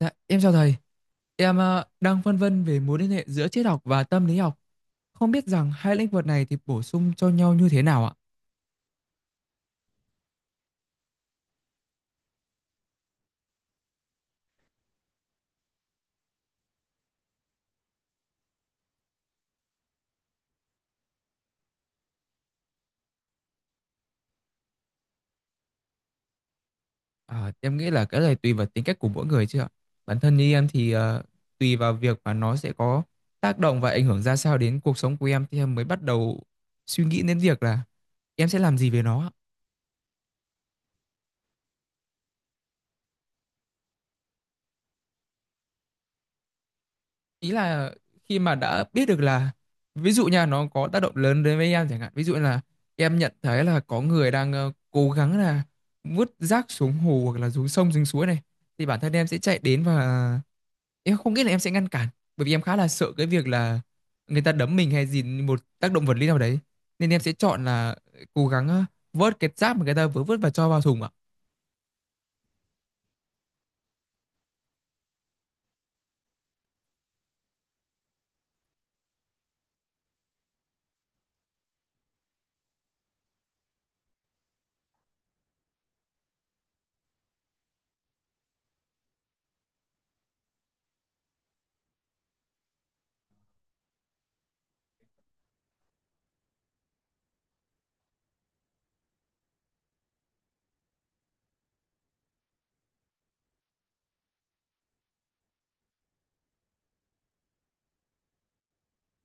Dạ, em chào thầy. Em đang phân vân về mối liên hệ giữa triết học và tâm lý học. Không biết rằng hai lĩnh vực này thì bổ sung cho nhau như thế nào ạ? À, em nghĩ là cái này tùy vào tính cách của mỗi người chứ ạ. Bản thân như em thì tùy vào việc mà nó sẽ có tác động và ảnh hưởng ra sao đến cuộc sống của em thì em mới bắt đầu suy nghĩ đến việc là em sẽ làm gì về nó ạ. Ý là khi mà đã biết được là, ví dụ nha, nó có tác động lớn đến với em, chẳng hạn ví dụ là em nhận thấy là có người đang cố gắng là vứt rác xuống hồ hoặc là xuống sông xuống suối này, thì bản thân em sẽ chạy đến và em không nghĩ là em sẽ ngăn cản, bởi vì em khá là sợ cái việc là người ta đấm mình hay gì một tác động vật lý nào đấy, nên em sẽ chọn là cố gắng vớt cái rác mà người ta vừa vứt và cho vào thùng ạ.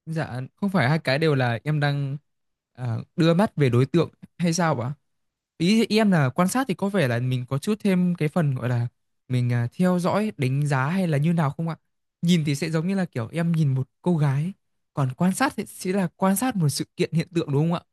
Dạ, không phải hai cái đều là em đang đưa mắt về đối tượng hay sao ạ? Ý em là quan sát thì có vẻ là mình có chút thêm cái phần gọi là mình theo dõi, đánh giá hay là như nào không ạ? Nhìn thì sẽ giống như là kiểu em nhìn một cô gái, còn quan sát thì sẽ là quan sát một sự kiện hiện tượng đúng không ạ?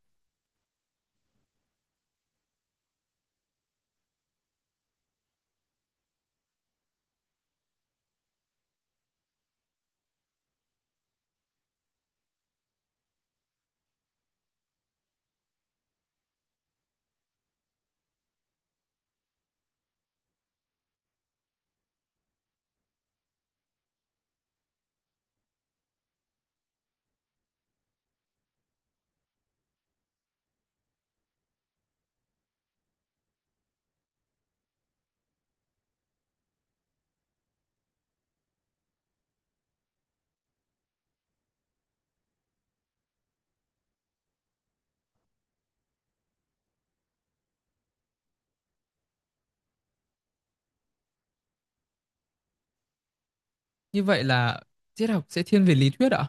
Như vậy là triết học sẽ thiên về lý thuyết ạ?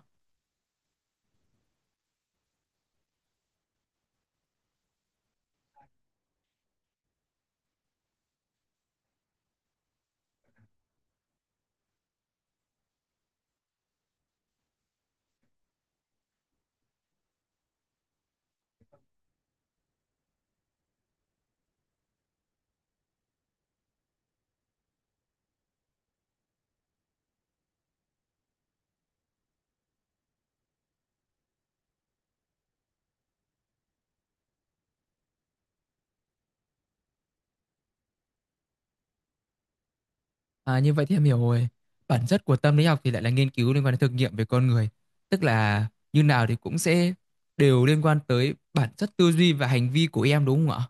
À, như vậy thì em hiểu rồi. Bản chất của tâm lý học thì lại là nghiên cứu liên quan đến thực nghiệm về con người. Tức là như nào thì cũng sẽ đều liên quan tới bản chất tư duy và hành vi của em đúng không ạ?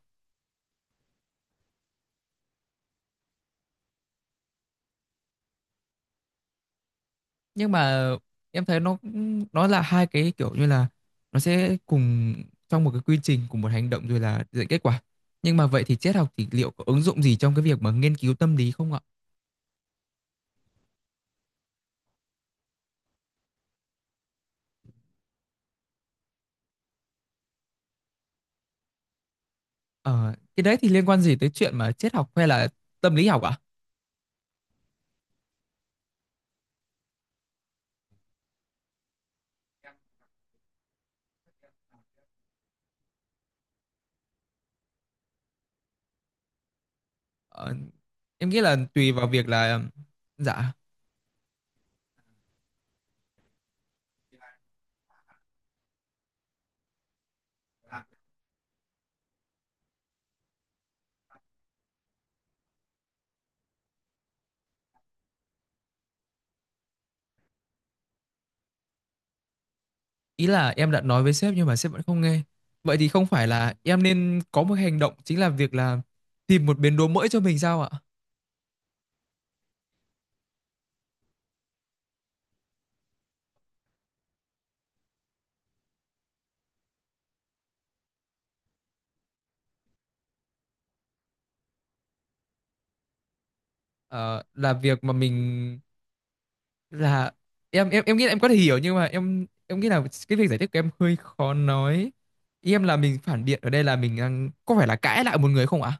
Nhưng mà em thấy nó là hai cái kiểu như là nó sẽ cùng trong một cái quy trình, cùng một hành động rồi là dẫn kết quả. Nhưng mà vậy thì triết học thì liệu có ứng dụng gì trong cái việc mà nghiên cứu tâm lý không ạ? Ờ, cái đấy thì liên quan gì tới chuyện mà triết học hay là tâm lý học ạ? Ờ, em nghĩ là tùy vào việc là dạ. Ý là em đã nói với sếp nhưng mà sếp vẫn không nghe. Vậy thì không phải là em nên có một hành động chính là việc là tìm một bến đỗ mới cho mình sao ạ? Ờ, là việc mà mình là, em nghĩ là em có thể hiểu nhưng mà em nghĩ là cái việc giải thích của em hơi khó nói. Ý em là mình phản biện ở đây là mình đang có phải là cãi lại một người không ạ?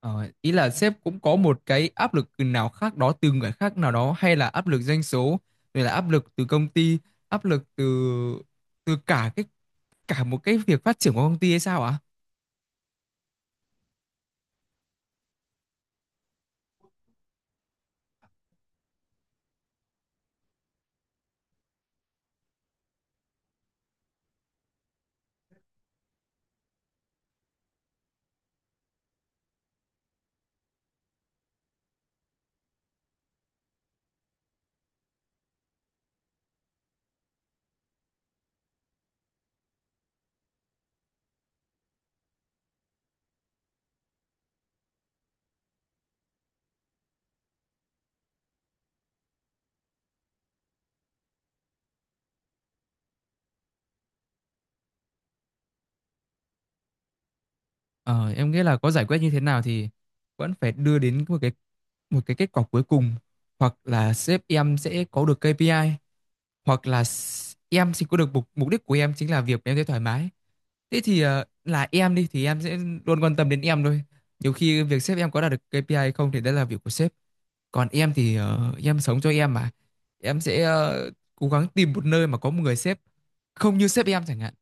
Ờ, ý là sếp cũng có một cái áp lực nào khác đó từ người khác nào đó, hay là áp lực doanh số, rồi là áp lực từ công ty, áp lực từ, từ cả cái cả một cái việc phát triển của công ty hay sao ạ? Ờ, em nghĩ là có giải quyết như thế nào thì vẫn phải đưa đến một cái, một cái kết quả cuối cùng. Hoặc là sếp em sẽ có được KPI, hoặc là s- em thì có được mục, mục đích của em chính là việc em thấy thoải mái. Thế thì là em đi thì em sẽ luôn quan tâm đến em thôi. Nhiều khi việc sếp em có đạt được KPI hay không thì đấy là việc của sếp, còn em thì em sống cho em mà. Em sẽ cố gắng tìm một nơi mà có một người sếp không như sếp em chẳng hạn.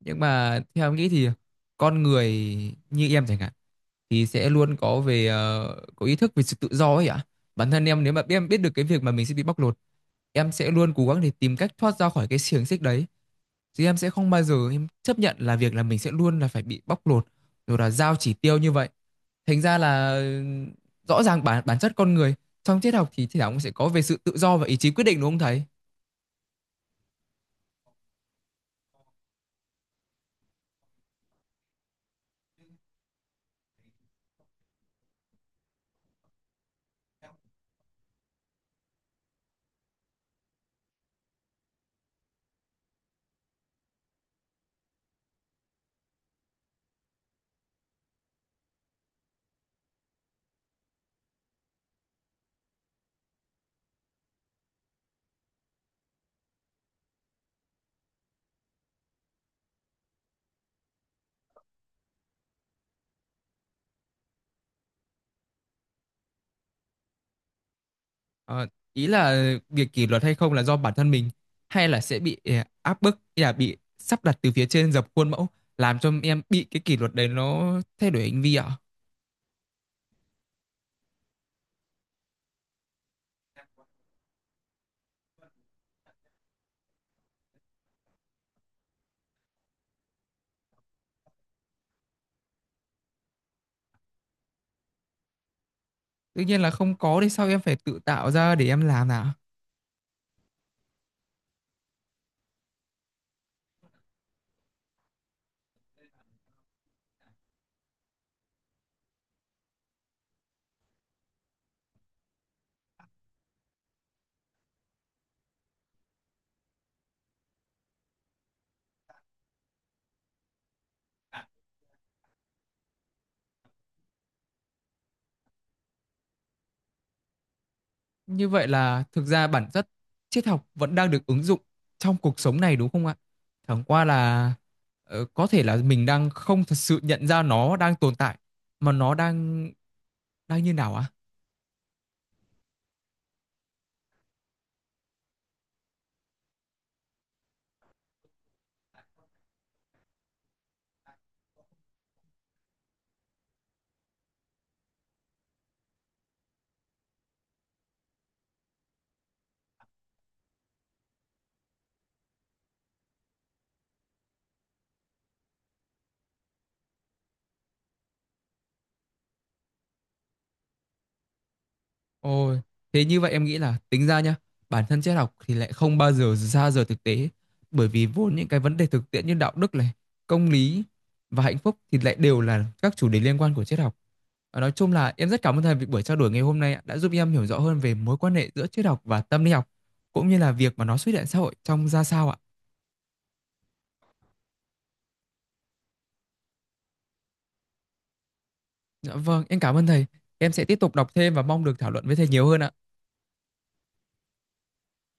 Nhưng mà theo em nghĩ thì con người như em chẳng hạn thì sẽ luôn có về có ý thức về sự tự do ấy ạ. Bản thân em nếu mà em biết được cái việc mà mình sẽ bị bóc lột, em sẽ luôn cố gắng để tìm cách thoát ra khỏi cái xiềng xích đấy. Chứ em sẽ không bao giờ em chấp nhận là việc là mình sẽ luôn là phải bị bóc lột rồi là giao chỉ tiêu như vậy. Thành ra là ừ, rõ ràng bản bản chất con người trong triết học thì cũng sẽ có về sự tự do và ý chí quyết định đúng không thầy? Ờ, ý là việc kỷ luật hay không là do bản thân mình, hay là sẽ bị áp bức hay là bị sắp đặt từ phía trên dập khuôn mẫu làm cho em bị cái kỷ luật đấy nó thay đổi hành vi ạ? Tự nhiên là không có thì sao em phải tự tạo ra để em làm nào? Như vậy là thực ra bản chất triết học vẫn đang được ứng dụng trong cuộc sống này đúng không ạ? Chẳng qua là có thể là mình đang không thật sự nhận ra nó đang tồn tại mà nó đang đang như nào ạ? Ôi, thế như vậy em nghĩ là tính ra nhá, bản thân triết học thì lại không bao giờ ra rời thực tế, bởi vì vốn những cái vấn đề thực tiễn như đạo đức này, công lý và hạnh phúc thì lại đều là các chủ đề liên quan của triết học. Và nói chung là em rất cảm ơn thầy vì buổi trao đổi ngày hôm nay đã giúp em hiểu rõ hơn về mối quan hệ giữa triết học và tâm lý học, cũng như là việc mà nó xuất hiện xã hội trong ra sao ạ. Dạ vâng, em cảm ơn thầy. Em sẽ tiếp tục đọc thêm và mong được thảo luận với thầy nhiều hơn ạ.